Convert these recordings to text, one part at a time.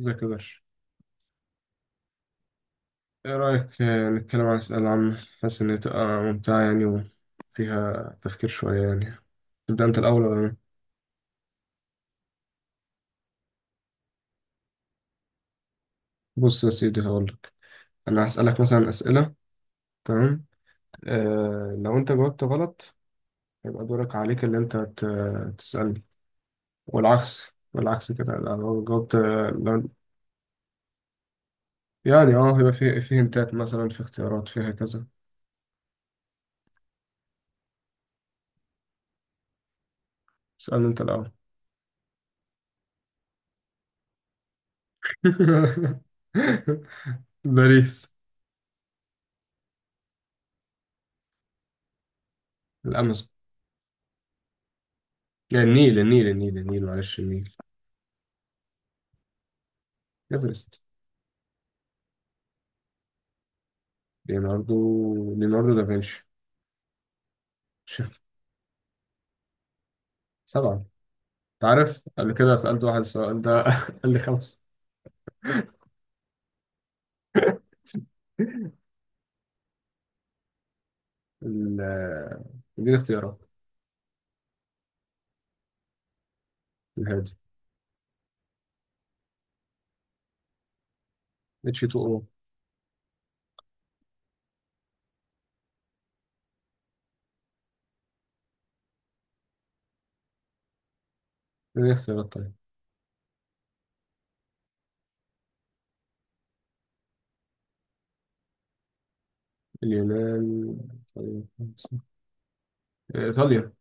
ازيك يا باشا. ايه رأيك، نتكلم عن أسئلة عامة؟ حاسس إن هي تبقى ممتعة يعني، وفيها تفكير شوية يعني. تبدأ أنت الأول ولا أنا؟ بص يا سيدي هقولك. أنا هسألك مثلا أسئلة، تمام؟ آه، لو أنت جاوبت غلط هيبقى دورك عليك اللي أنت تسألني، والعكس. والعكس كده لو جاوبت، لو يعني هيبقى فيه هنتات، مثلا في اختيارات فيها كذا. اسألني أنت الأول. باريس. الأمازون. يعني النيل، معلش، النيل. ايفرست. ليوناردو ليوناردو دافنشي. شف- سبعة. انت عارف، قبل كده سألت واحد السؤال ده قال لي خمسة. ال- دي الاختيارات. الهادي. اتش 2 او. دي الاختيارات، طيب اليونان. طيب، خمسة. ايطاليا.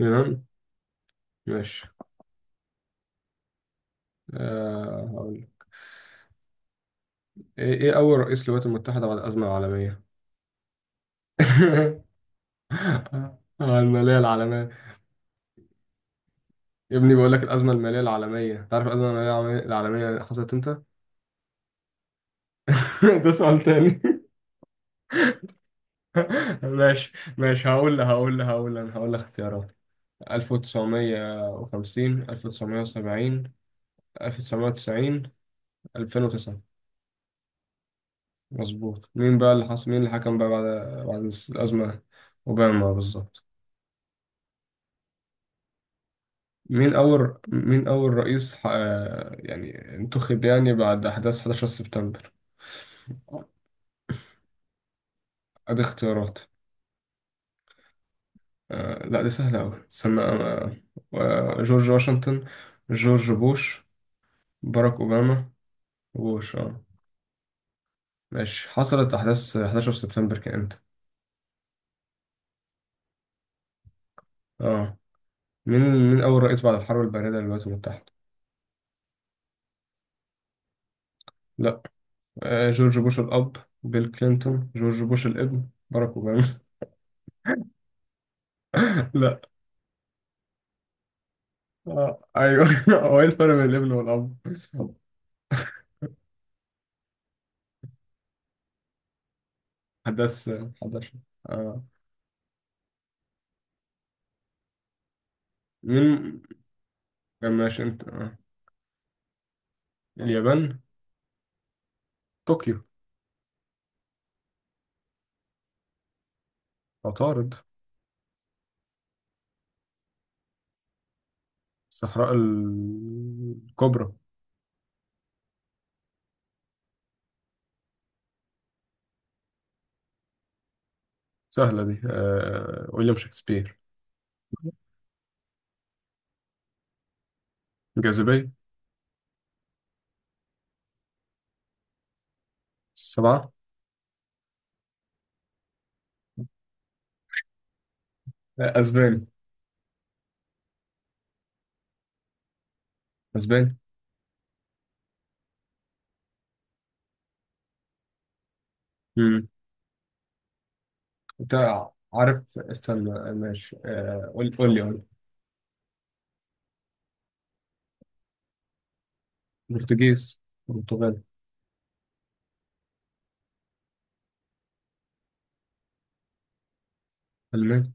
اليونان. ماشي. هقول لك. إيه اول رئيس للولايات المتحدة بعد الأزمة العالمية؟ المالية العالمية. يا ابني، بقول لك الأزمة المالية العالمية، تعرف الأزمة المالية العالمية؟ العالمية حصلت امتى؟ ده سؤال تاني. ماشي ماشي، هقول لها، اختيارات. 1950، 1970، 1990، 2009. مظبوط. مين اللي حكم بقى بعد، الأزمة؟ أوباما، بالظبط. مين أول رئيس يعني انتخب يعني بعد أحداث 11 سبتمبر؟ أدي اختيارات. لا، دي سهلة أوي، استنى. جورج واشنطن، جورج بوش، باراك أوباما. بوش، اه. ماشي. حصلت أحداث 11 سبتمبر كان إمتى؟ آه. مين مين أول رئيس بعد الحرب الباردة للولايات المتحدة؟ لأ. آه، جورج بوش الأب، بيل كلينتون، جورج بوش الابن، باراك أوباما. لأ. آه، أيوه. هو إيه الفرق بين الابن والأب؟ أحداث 11. آه. مين. ماشي، أنت. اليابان: طوكيو. عطارد. الصحراء الكبرى. سهلة دي، ويليام شكسبير. الجاذبية. السبعة. أسباني. أسباني. انت عارف، استنى ماشي. قول لي. برتغيز. برتغال. ألماني.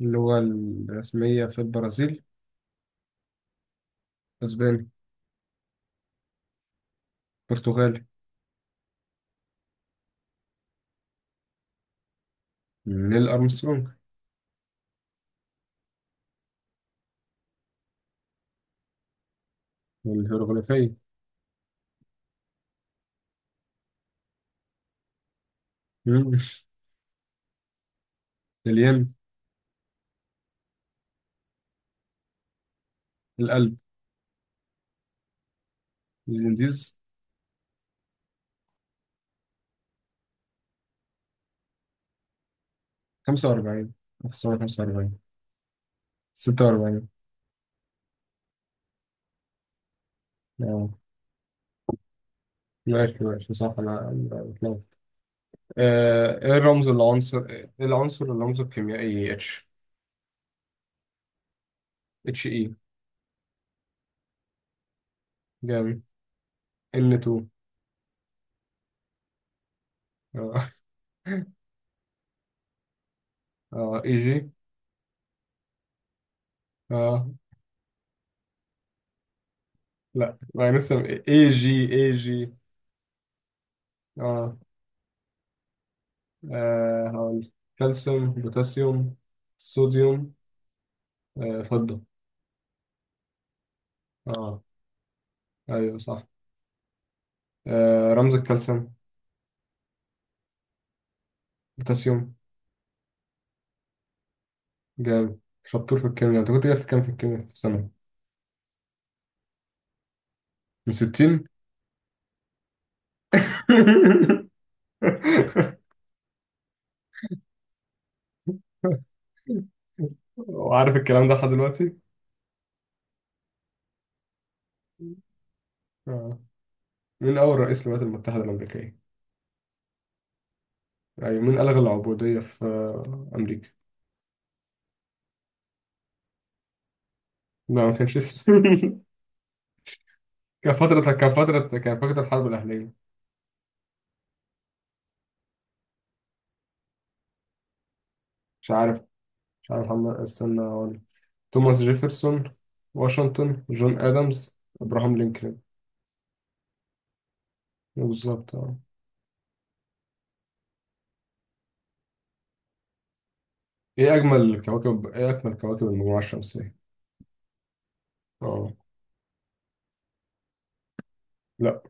اللغة الرسمية في البرازيل؟ أسباني. برتغالي. نيل أرمسترونج. والهيروغليفية. مم. الين. القلب. الانديز. 45. 1945. 46. اه، ماشي، صح، أنا بتلخبط. ايه الرمز، العنصر الرمزه الكيميائي اتش. اتش اي. جامد. ان 2. اه. اي جي. اه. لا، ما لسه. اي جي. اه. هقول: كالسيوم، بوتاسيوم، صوديوم، فضة. اه، ايوه، صح. رمز الكالسيوم. بوتاسيوم. جامد. شطور في الكيمياء. انت كنت جايب في كام في الكيمياء في سنة؟ من 60. وعارف الكلام ده لحد دلوقتي. آه. مين أول رئيس للولايات المتحدة الأمريكية؟ يعني مين ألغى العبودية في أمريكا؟ لا، ما كانش اسمه. كان فترة الحرب الأهلية. مش عارف. هم، استنى أقول: توماس جيفرسون، واشنطن، جون آدمز، إبراهام لينكولن. بالظبط، اه. إيه أجمل كواكب المجموعة الشمسية؟ اه. لا،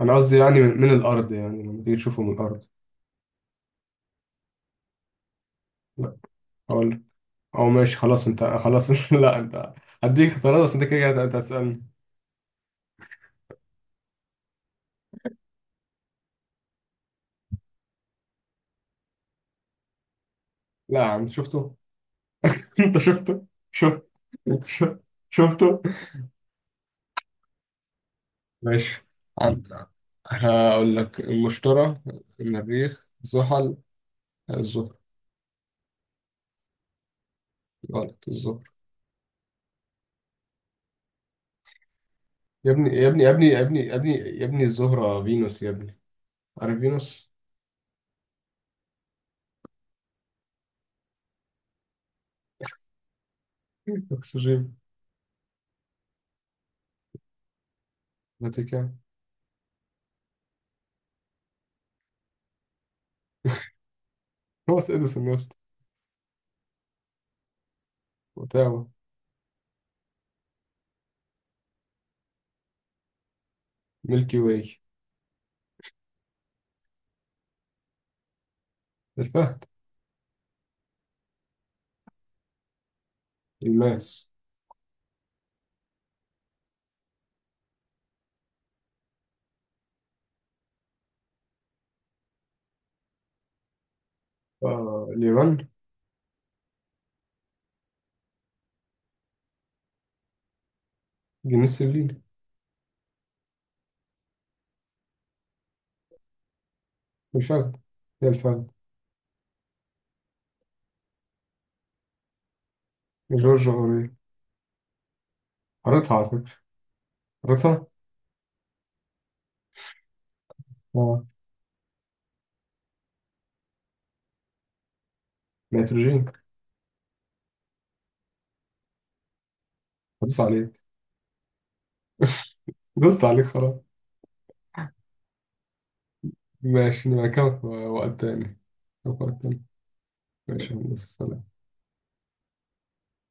أنا قصدي يعني من الأرض، يعني لما تيجي تشوفه من الأرض. لا، أقول لك. أو ماشي، خلاص، أنت خلاص. لا، أنت هديك اختيارات، بس أنت كده كده أنت هتسألني. لا يا عم، شفته. أنت شفته. شفت شفت- شفته. ماشي، هقول لك: المشتري، المريخ، زحل، الزهر. غلط، الزهر. يا ابني، يا ابني، يا ابني، يا ابني، يا ابني، يا ابني الزهرة فينوس، يا ابني. عارف فينوس؟ أكسجين. فاتيكان. توماس إديسون، يا اسطى. أوتاوا. ميلكي واي. الفهد. الماس. آه، اليابان. جنيس الليل. الفهد. هي الفهد. جورج أوريل. قريتها على فكرة. قريتها؟ آه. نيتروجين. هدوس عليك. دوست عليك، خلاص. ماشي، نبقى كمان في وقت تاني. في وقت تاني. ماشي يا هندسة، سلام.